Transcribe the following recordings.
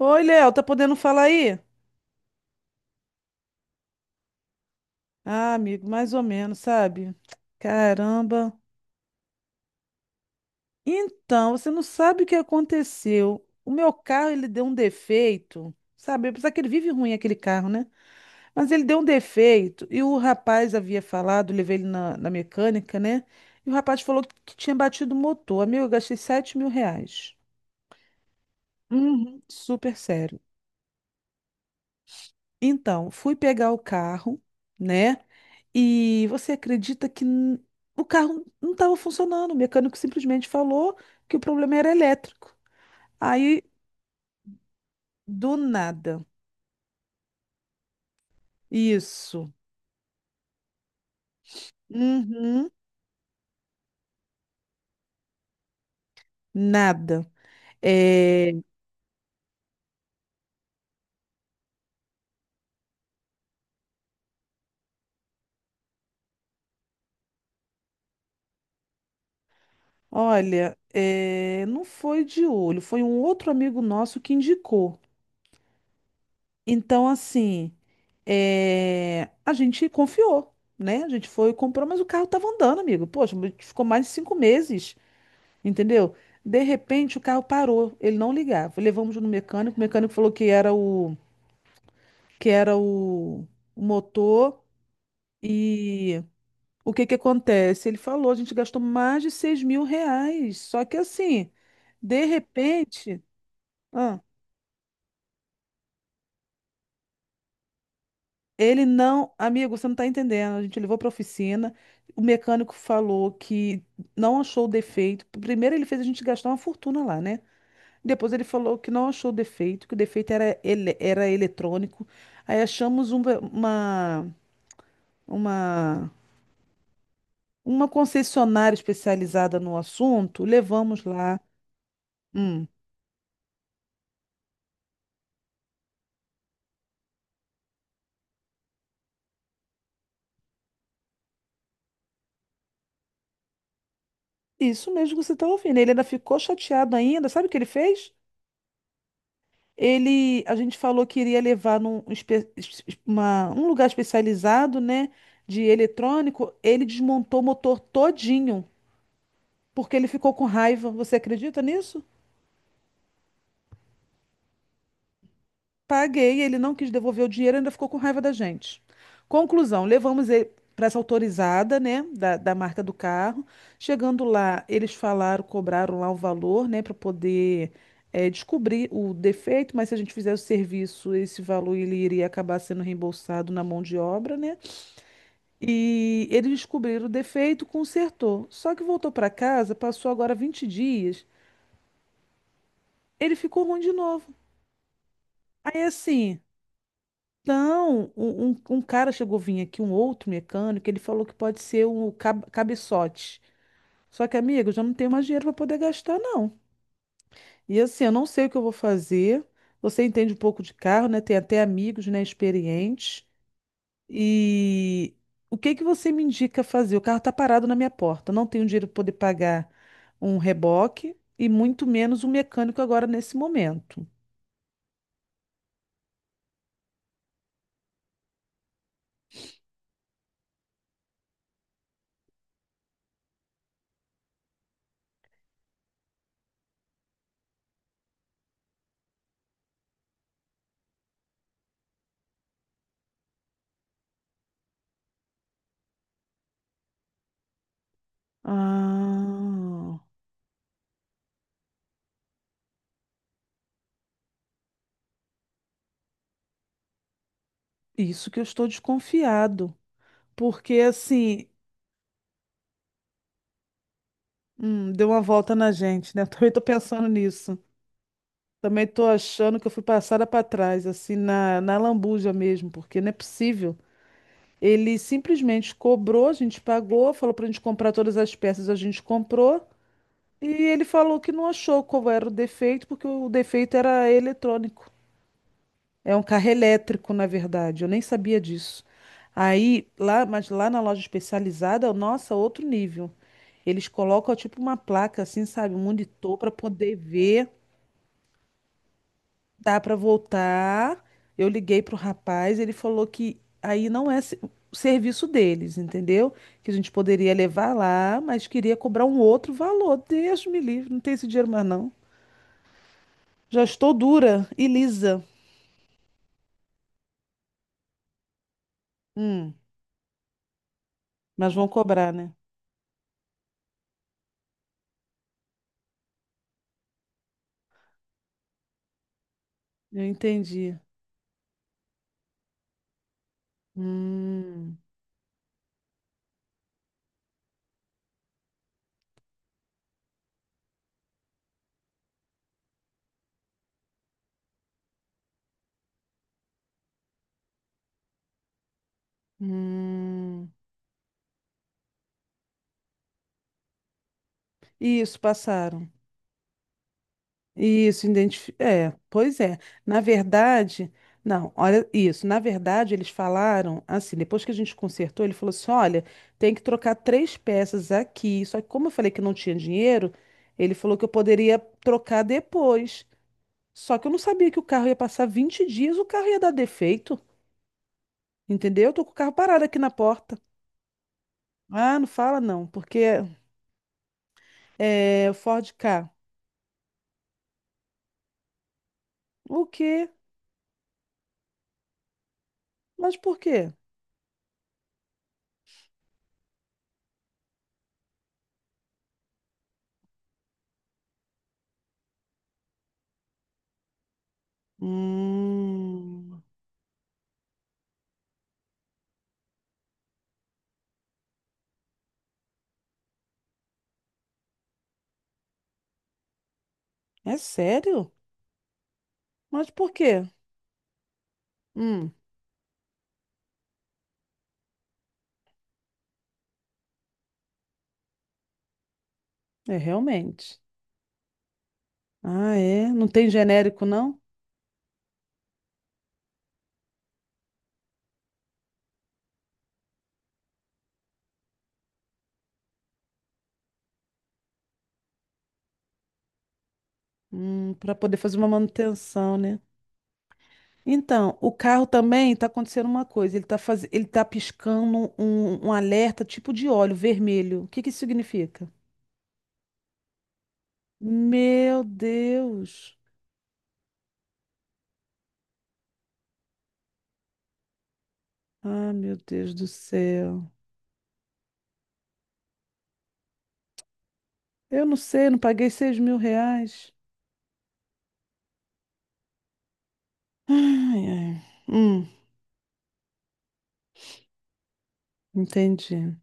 Oi, Léo, tá podendo falar aí? Ah, amigo, mais ou menos, sabe? Caramba. Então, você não sabe o que aconteceu. O meu carro, ele deu um defeito, sabe? Apesar que ele vive ruim, aquele carro, né? Mas ele deu um defeito e o rapaz havia falado, levei ele na mecânica, né? E o rapaz falou que tinha batido o motor. Amigo, eu gastei R$ 7.000. Uhum, super sério. Então, fui pegar o carro, né? E você acredita que o carro não estava funcionando? O mecânico simplesmente falou que o problema era elétrico. Aí, do nada. Isso. Uhum, nada. É, olha, é, não foi de olho, foi um outro amigo nosso que indicou. Então, assim, é, a gente confiou, né? A gente foi e comprou, mas o carro estava andando, amigo. Poxa, ficou mais de 5 meses. Entendeu? De repente o carro parou, ele não ligava. Levamos no mecânico, o mecânico falou que era o motor. E o que que acontece? Ele falou, a gente gastou mais de R$ 6.000. Só que assim, de repente, ah, ele não, amigo, você não está entendendo. A gente levou para oficina, o mecânico falou que não achou o defeito. Primeiro ele fez a gente gastar uma fortuna lá, né? Depois ele falou que não achou defeito, que o defeito era eletrônico. Aí achamos uma, uma, uma concessionária especializada no assunto, levamos lá. Hum, isso mesmo que você está ouvindo. Ele ainda ficou chateado ainda. Sabe o que ele fez? A gente falou que iria levar num lugar especializado, né, de eletrônico. Ele desmontou o motor todinho, porque ele ficou com raiva. Você acredita nisso? Paguei, ele não quis devolver o dinheiro, ainda ficou com raiva da gente. Conclusão, levamos ele para essa autorizada, né, da marca do carro. Chegando lá, eles falaram, cobraram lá o valor, né, para poder descobrir o defeito, mas se a gente fizer o serviço, esse valor ele iria acabar sendo reembolsado na mão de obra, né? E eles descobriram o defeito, consertou. Só que voltou para casa, passou agora 20 dias, ele ficou ruim de novo. Aí assim, então, um cara chegou a vir aqui, um outro mecânico, ele falou que pode ser o cabeçote. Só que, amigo, eu já não tenho mais dinheiro para poder gastar, não. E assim, eu não sei o que eu vou fazer. Você entende um pouco de carro, né? Tem até amigos, né, experientes. E o que que você me indica fazer? O carro tá parado na minha porta. Eu não tenho dinheiro para poder pagar um reboque e muito menos um mecânico agora nesse momento. Ah, isso que eu estou desconfiado. Porque assim, deu uma volta na gente, né? Eu também tô pensando nisso. Também tô achando que eu fui passada para trás, assim, na lambuja mesmo, porque não é possível. Ele simplesmente cobrou, a gente pagou, falou pra gente comprar todas as peças, a gente comprou, e ele falou que não achou qual era o defeito, porque o defeito era eletrônico. É um carro elétrico, na verdade. Eu nem sabia disso. Aí, lá, mas lá na loja especializada, nossa, outro nível. Eles colocam tipo uma placa assim, sabe, um monitor para poder ver, dá para voltar. Eu liguei pro rapaz, ele falou que aí não é o serviço deles, entendeu? Que a gente poderia levar lá, mas queria cobrar um outro valor. Deus me livre, não tem esse dinheiro mais não. Já estou dura e lisa. Hum, mas vão cobrar, né? Eu entendi. Hum, hum. Isso, passaram. Isso. É, pois é. Na verdade, não, olha isso. Na verdade, eles falaram assim, depois que a gente consertou, ele falou assim: olha, tem que trocar três peças aqui. Só que, como eu falei que não tinha dinheiro, ele falou que eu poderia trocar depois. Só que eu não sabia que o carro ia passar 20 dias, o carro ia dar defeito, entendeu? Eu tô com o carro parado aqui na porta. Ah, não fala não, porque é Ford K. O quê? Mas por quê? Hum, é sério? Mas por quê? Hum, é realmente. Ah, é? Não tem genérico, não? Para poder fazer uma manutenção, né? Então, o carro também está acontecendo uma coisa. Ele tá piscando um alerta tipo de óleo vermelho. O que que isso significa? Meu Deus! Ah, meu Deus do céu. Eu não sei, não paguei R$ 6.000. Ai, ai. Hum, entendi.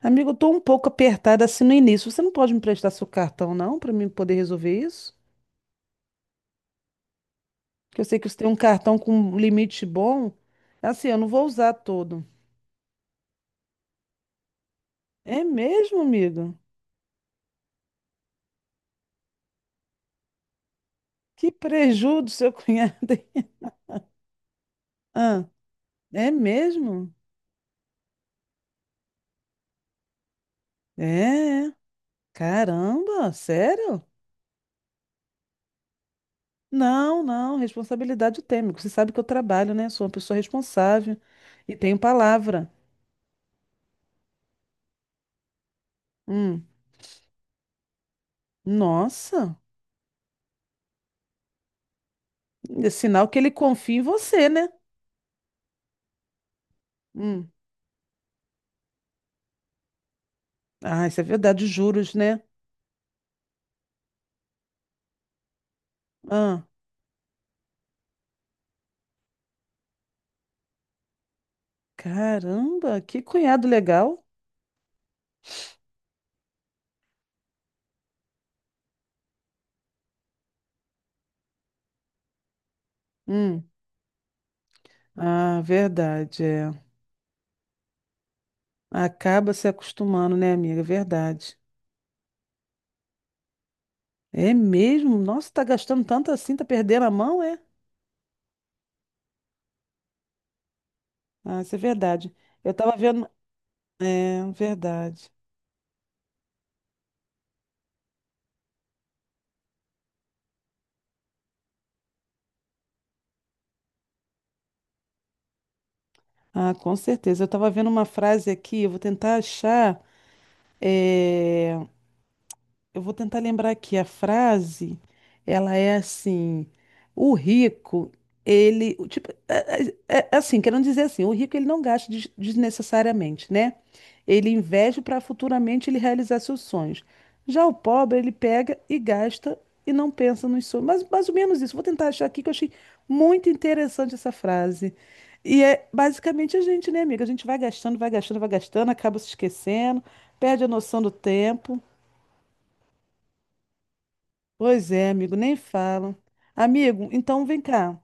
Amigo, eu tô um pouco apertada assim no início. Você não pode me prestar seu cartão, não, para mim poder resolver isso? Que eu sei que você tem um cartão com um limite bom. É assim, eu não vou usar todo. É mesmo, amigo? Que preju do seu cunhado, hein? Ah, é mesmo? É. Caramba, sério? Não, não, responsabilidade eu tenho, amigo. Você sabe que eu trabalho, né? Sou uma pessoa responsável e tenho palavra. Hum. Nossa, é sinal que ele confia em você, né? Hum. Ah, isso é verdade, os juros, né? Ah, caramba, que cunhado legal. Hum. Ah, verdade, é. Acaba se acostumando, né, amiga? Verdade. É mesmo? Nossa, tá gastando tanto assim, tá perdendo a mão, é? Ah, isso é verdade. Eu tava vendo. É, verdade. Ah, com certeza. Eu tava vendo uma frase aqui, eu vou tentar achar. é, Eu vou tentar lembrar que a frase, ela é assim, o rico, ele, o tipo, é assim, querendo dizer assim, o rico ele não gasta desnecessariamente, né? Ele investe para futuramente ele realizar seus sonhos. Já o pobre, ele pega e gasta e não pensa nos sonhos. Mas mais ou menos isso. Vou tentar achar aqui que eu achei muito interessante essa frase. E é basicamente a gente, né, amiga? A gente vai gastando, vai gastando, vai gastando, acaba se esquecendo, perde a noção do tempo. Pois é, amigo, nem falo. Amigo, então vem cá.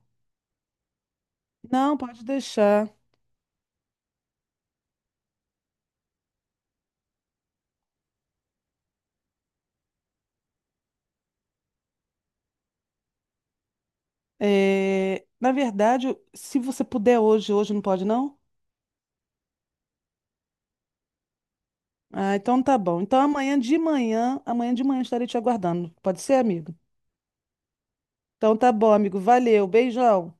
Não, pode deixar. É, na verdade, se você puder hoje, hoje não pode, não? Ah, então tá bom. Então amanhã de manhã estarei te aguardando. Pode ser, amigo? Então tá bom, amigo. Valeu, beijão.